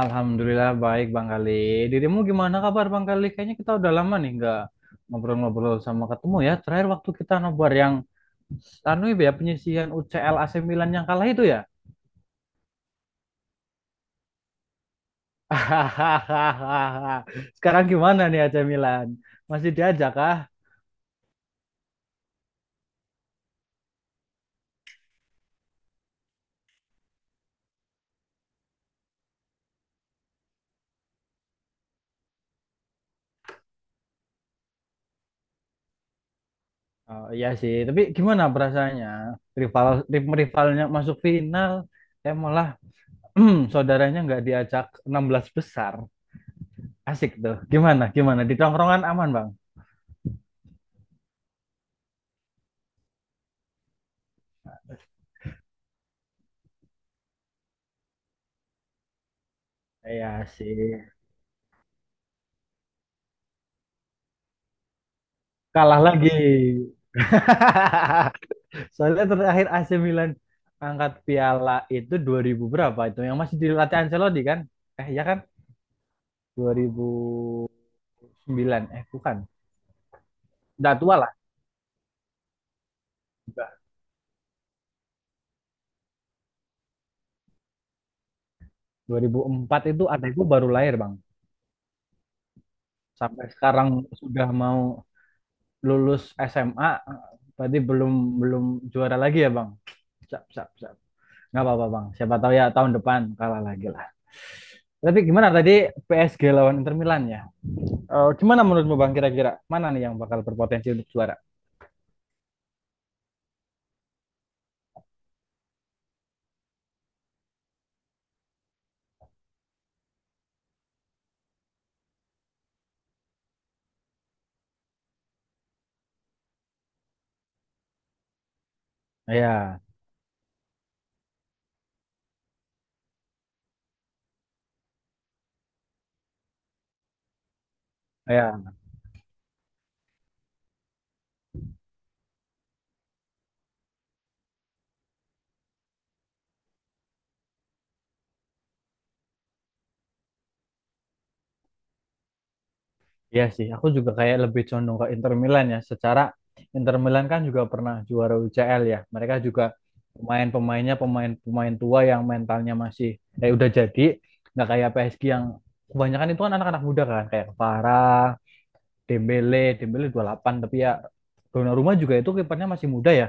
Alhamdulillah baik Bang Kali. Dirimu gimana kabar Bang Kali? Kayaknya kita udah lama nih nggak ngobrol-ngobrol sama ketemu ya. Terakhir waktu kita nobar yang anu ya penyisihan UCL AC Milan yang kalah itu ya. Sekarang gimana nih AC Milan? Masih diajak kah? Oh, iya sih, tapi gimana perasaannya? Rival, tim rivalnya masuk final, eh malah saudaranya nggak diajak 16 besar. Asik tuh. Gimana? Gimana? Di tongkrongan aman, Bang? Iya sih. Kalah lagi. Soalnya terakhir AC Milan angkat piala itu 2000 berapa itu? Yang masih dilatih Ancelotti kan? Eh ya kan? 2009. Eh, bukan. Udah tua lah. Udah. 2004 itu adekku baru lahir Bang. Sampai sekarang sudah mau lulus SMA. Berarti belum belum juara lagi ya Bang? Siap, siap, siap. Nggak apa-apa Bang. Siapa tahu ya tahun depan kalah lagi lah. Tapi gimana tadi PSG lawan Inter Milan ya? Gimana menurutmu Bang kira-kira mana nih yang bakal berpotensi untuk juara? Ya, ya, ya sih. Aku juga kayak lebih condong ke Inter Milan ya. Secara Inter Milan kan juga pernah juara UCL ya. Mereka juga pemain-pemainnya pemain-pemain tua yang mentalnya masih udah jadi. Nggak kayak PSG yang kebanyakan itu kan anak-anak muda kan kayak Farah, Dembele, Dembele 28. Tapi ya Donnarumma juga itu kipernya masih muda ya.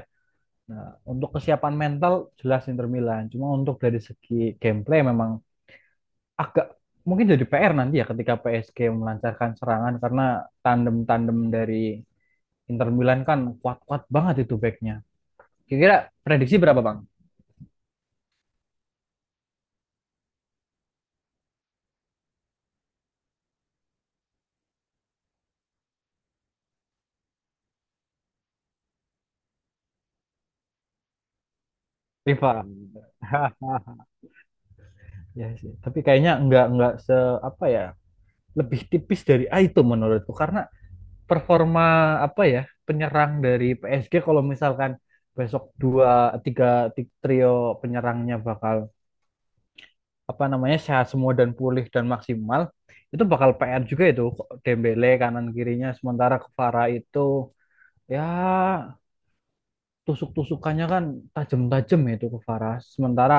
Nah, untuk kesiapan mental jelas Inter Milan. Cuma untuk dari segi gameplay memang agak mungkin jadi PR nanti ya ketika PSG melancarkan serangan karena tandem-tandem dari Inter Milan kan kuat-kuat banget itu backnya. Kira-kira prediksi berapa Bang? Rival. Ya sih. Tapi kayaknya nggak se apa ya lebih tipis dari A itu menurutku, karena performa apa ya penyerang dari PSG kalau misalkan besok dua tiga trio penyerangnya bakal apa namanya sehat semua dan pulih dan maksimal itu bakal PR juga itu. Dembele kanan kirinya sementara Kvara itu ya, tusuk-tusukannya kan tajam-tajam ya itu Kvara. Sementara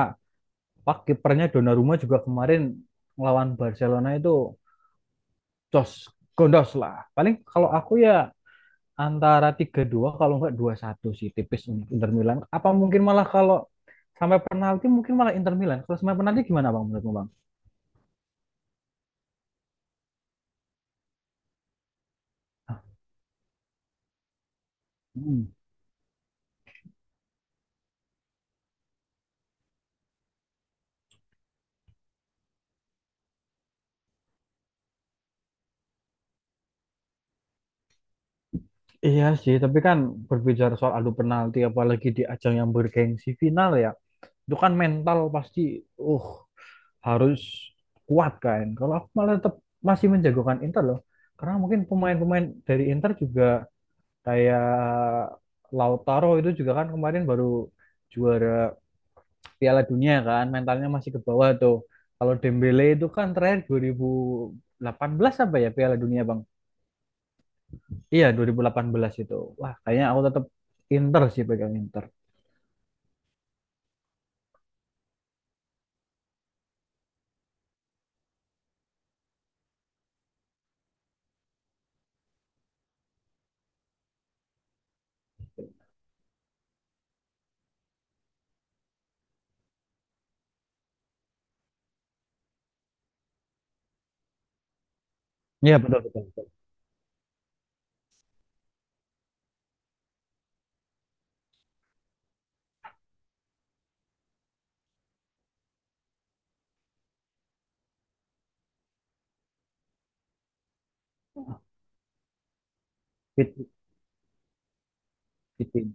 pak kipernya Donnarumma juga kemarin melawan Barcelona itu jos gondos lah. Paling kalau aku ya antara 3-2 kalau nggak 2-1 sih, tipis untuk Inter Milan. Apa mungkin malah kalau sampai penalti, mungkin malah Inter Milan. Kalau sampai penalti gimana Bang, menurutmu Bang? Hmm. Iya sih, tapi kan berbicara soal adu penalti, apalagi di ajang yang bergengsi final ya, itu kan mental pasti, uh, harus kuat kan. Kalau aku malah tetap masih menjagokan Inter loh, karena mungkin pemain-pemain dari Inter juga kayak Lautaro itu juga kan kemarin baru juara Piala Dunia kan, mentalnya masih ke bawah tuh. Kalau Dembele itu kan terakhir 2018 apa ya Piala Dunia Bang? Iya, 2018 itu. Wah, kayaknya aku tetap Inter sih, pegang Inter. Iya, betul betul. Betul. Fit, fitin.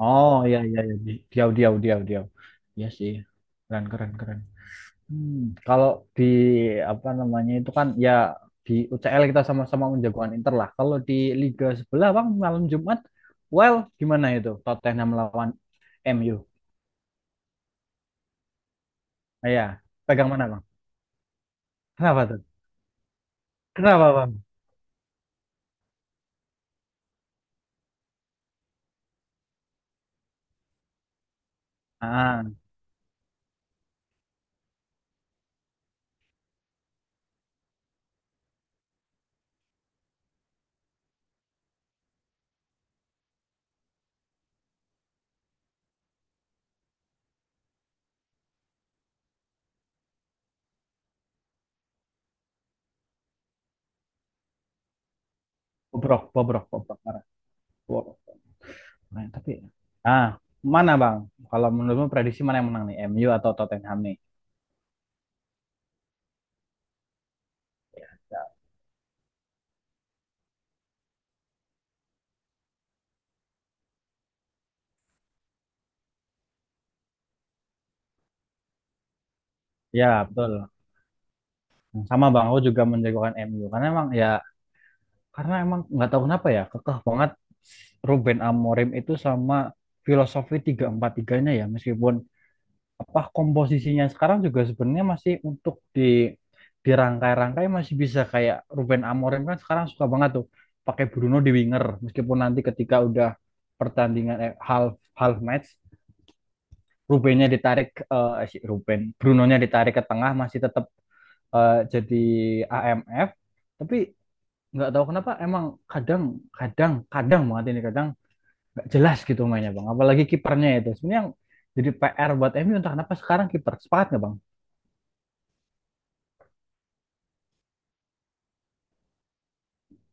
Oh, iya iya iya. Diau diau diau diau. Iya sih. Keren keren keren. Hmm, kalau di apa namanya itu kan ya di UCL kita sama-sama menjagoan Inter lah. Kalau di Liga sebelah Bang malam Jumat, well gimana itu Tottenham lawan MU? Ah, iya, pegang mana Bang? Kenapa tuh? Kenapa Bang? Ah, bobrok, bobrok, bobrok parah. Nah, tapi ah mana bang? Kalau menurutmu prediksi mana yang menang nih, MU atau Tottenham nih? Ya, ya, betul. Nah, sama bang, aku juga menjagokan MU karena emang ya, karena emang nggak tahu kenapa ya, kekeh banget Ruben Amorim itu sama filosofi tiga empat tiganya ya, meskipun apa komposisinya sekarang juga sebenarnya masih untuk di dirangkai-rangkai masih bisa. Kayak Ruben Amorim kan sekarang suka banget tuh pakai Bruno di winger meskipun nanti ketika udah pertandingan half half match Rubennya ditarik, eh si Ruben, Brunonya ditarik ke tengah masih tetap jadi AMF. Tapi nggak tahu kenapa emang kadang kadang kadang banget ini, kadang nggak jelas gitu mainnya bang. Apalagi kipernya itu sebenarnya yang jadi PR buat MU, entah kenapa sekarang kiper, sepakat nggak bang?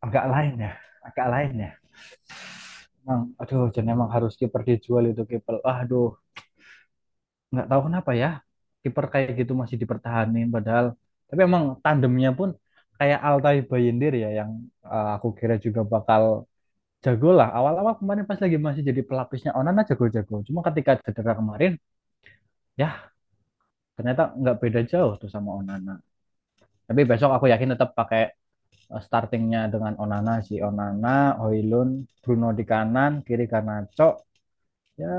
Agak lain ya, agak lain ya. Bang, aduh, jadi emang harus kiper dijual itu kiper. Aduh, nggak tahu kenapa ya kiper kayak gitu masih dipertahanin padahal. Tapi emang tandemnya pun kayak Altay Bayindir ya yang aku kira juga bakal jago lah, awal-awal kemarin pas lagi masih jadi pelapisnya Onana jago-jago, cuma ketika cedera kemarin ya ternyata nggak beda jauh tuh sama Onana. Tapi besok aku yakin tetap pakai startingnya dengan Onana, si Onana, Hoylund, Bruno di kanan kiri Garnacho ya,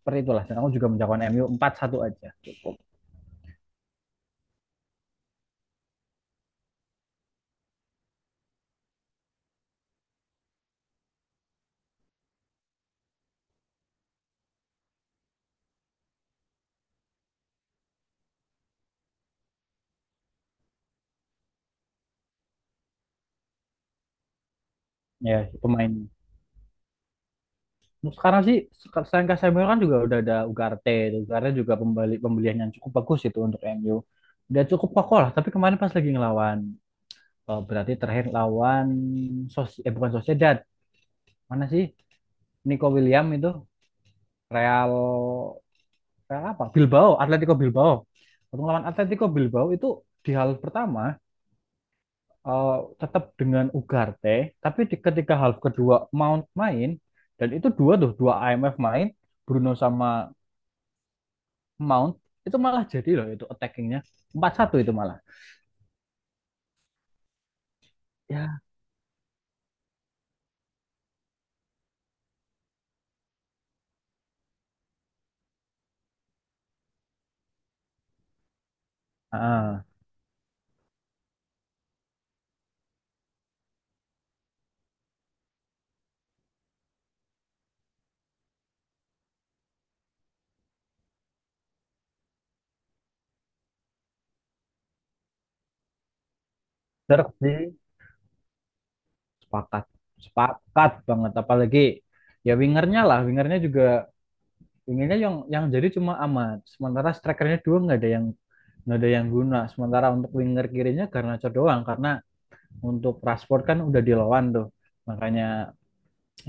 seperti itulah, dan aku juga menjagokan MU 4-1 aja cukup. Ya pemain, sekarang sih selain Casemiro kan juga udah ada Ugarte. Ugarte juga pembelian yang cukup bagus itu untuk MU. Udah cukup kokoh lah. Tapi kemarin pas lagi ngelawan berarti terakhir lawan eh bukan, Sociedad. Mana sih? Nico William itu Real, Real apa? Bilbao, Atletico Bilbao. Waktu ngelawan Atletico Bilbao itu di half pertama eh, tetap dengan Ugarte, tapi di, ketika half kedua Mount main, dan itu dua tuh, dua IMF main, Bruno sama Mount, itu malah jadi loh, itu attackingnya 4-1 itu, malah ya ah, bener, sepakat, sepakat banget. Apalagi ya wingernya lah, wingernya juga, wingernya yang jadi cuma amat sementara strikernya dua nggak ada yang guna. Sementara untuk winger kirinya Garnacho doang karena untuk Rashford kan udah dilawan tuh, makanya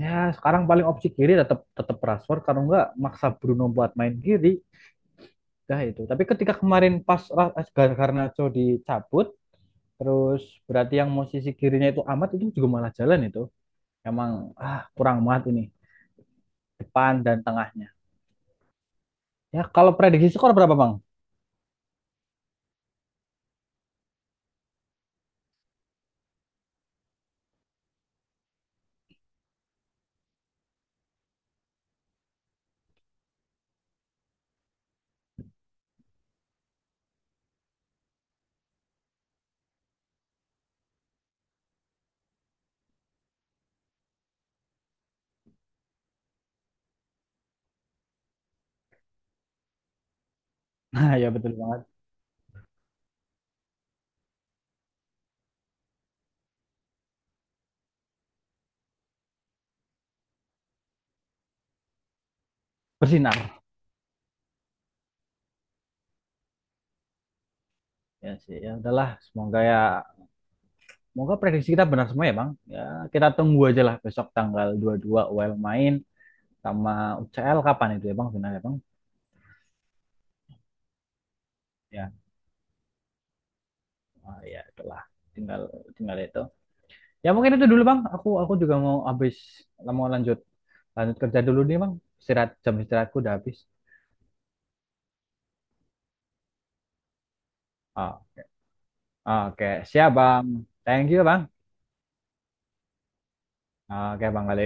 ya sekarang paling opsi kiri tetap tetap Rashford kalau nggak maksa Bruno buat main kiri, dah itu. Tapi ketika kemarin pas eh, Garnacho dicabut, terus berarti yang mau sisi kirinya itu amat, itu juga malah jalan itu. Emang kurang banget ini depan dan tengahnya. Ya kalau prediksi skor berapa Bang? Nah ya betul banget, bersinar. Ya sih, ya udahlah, semoga ya, semoga prediksi kita benar semua ya Bang. Ya kita tunggu aja lah, besok tanggal 22 UEL main, sama UCL kapan itu ya Bang, final ya Bang? Ya ya itulah, tinggal tinggal itu. Ya mungkin itu dulu Bang. Aku juga mau habis, mau lanjut lanjut kerja dulu nih Bang. Istirahat, jam istirahatku udah habis. Ah, oke, siap Bang. Thank you Bang. Oke Bang Ali.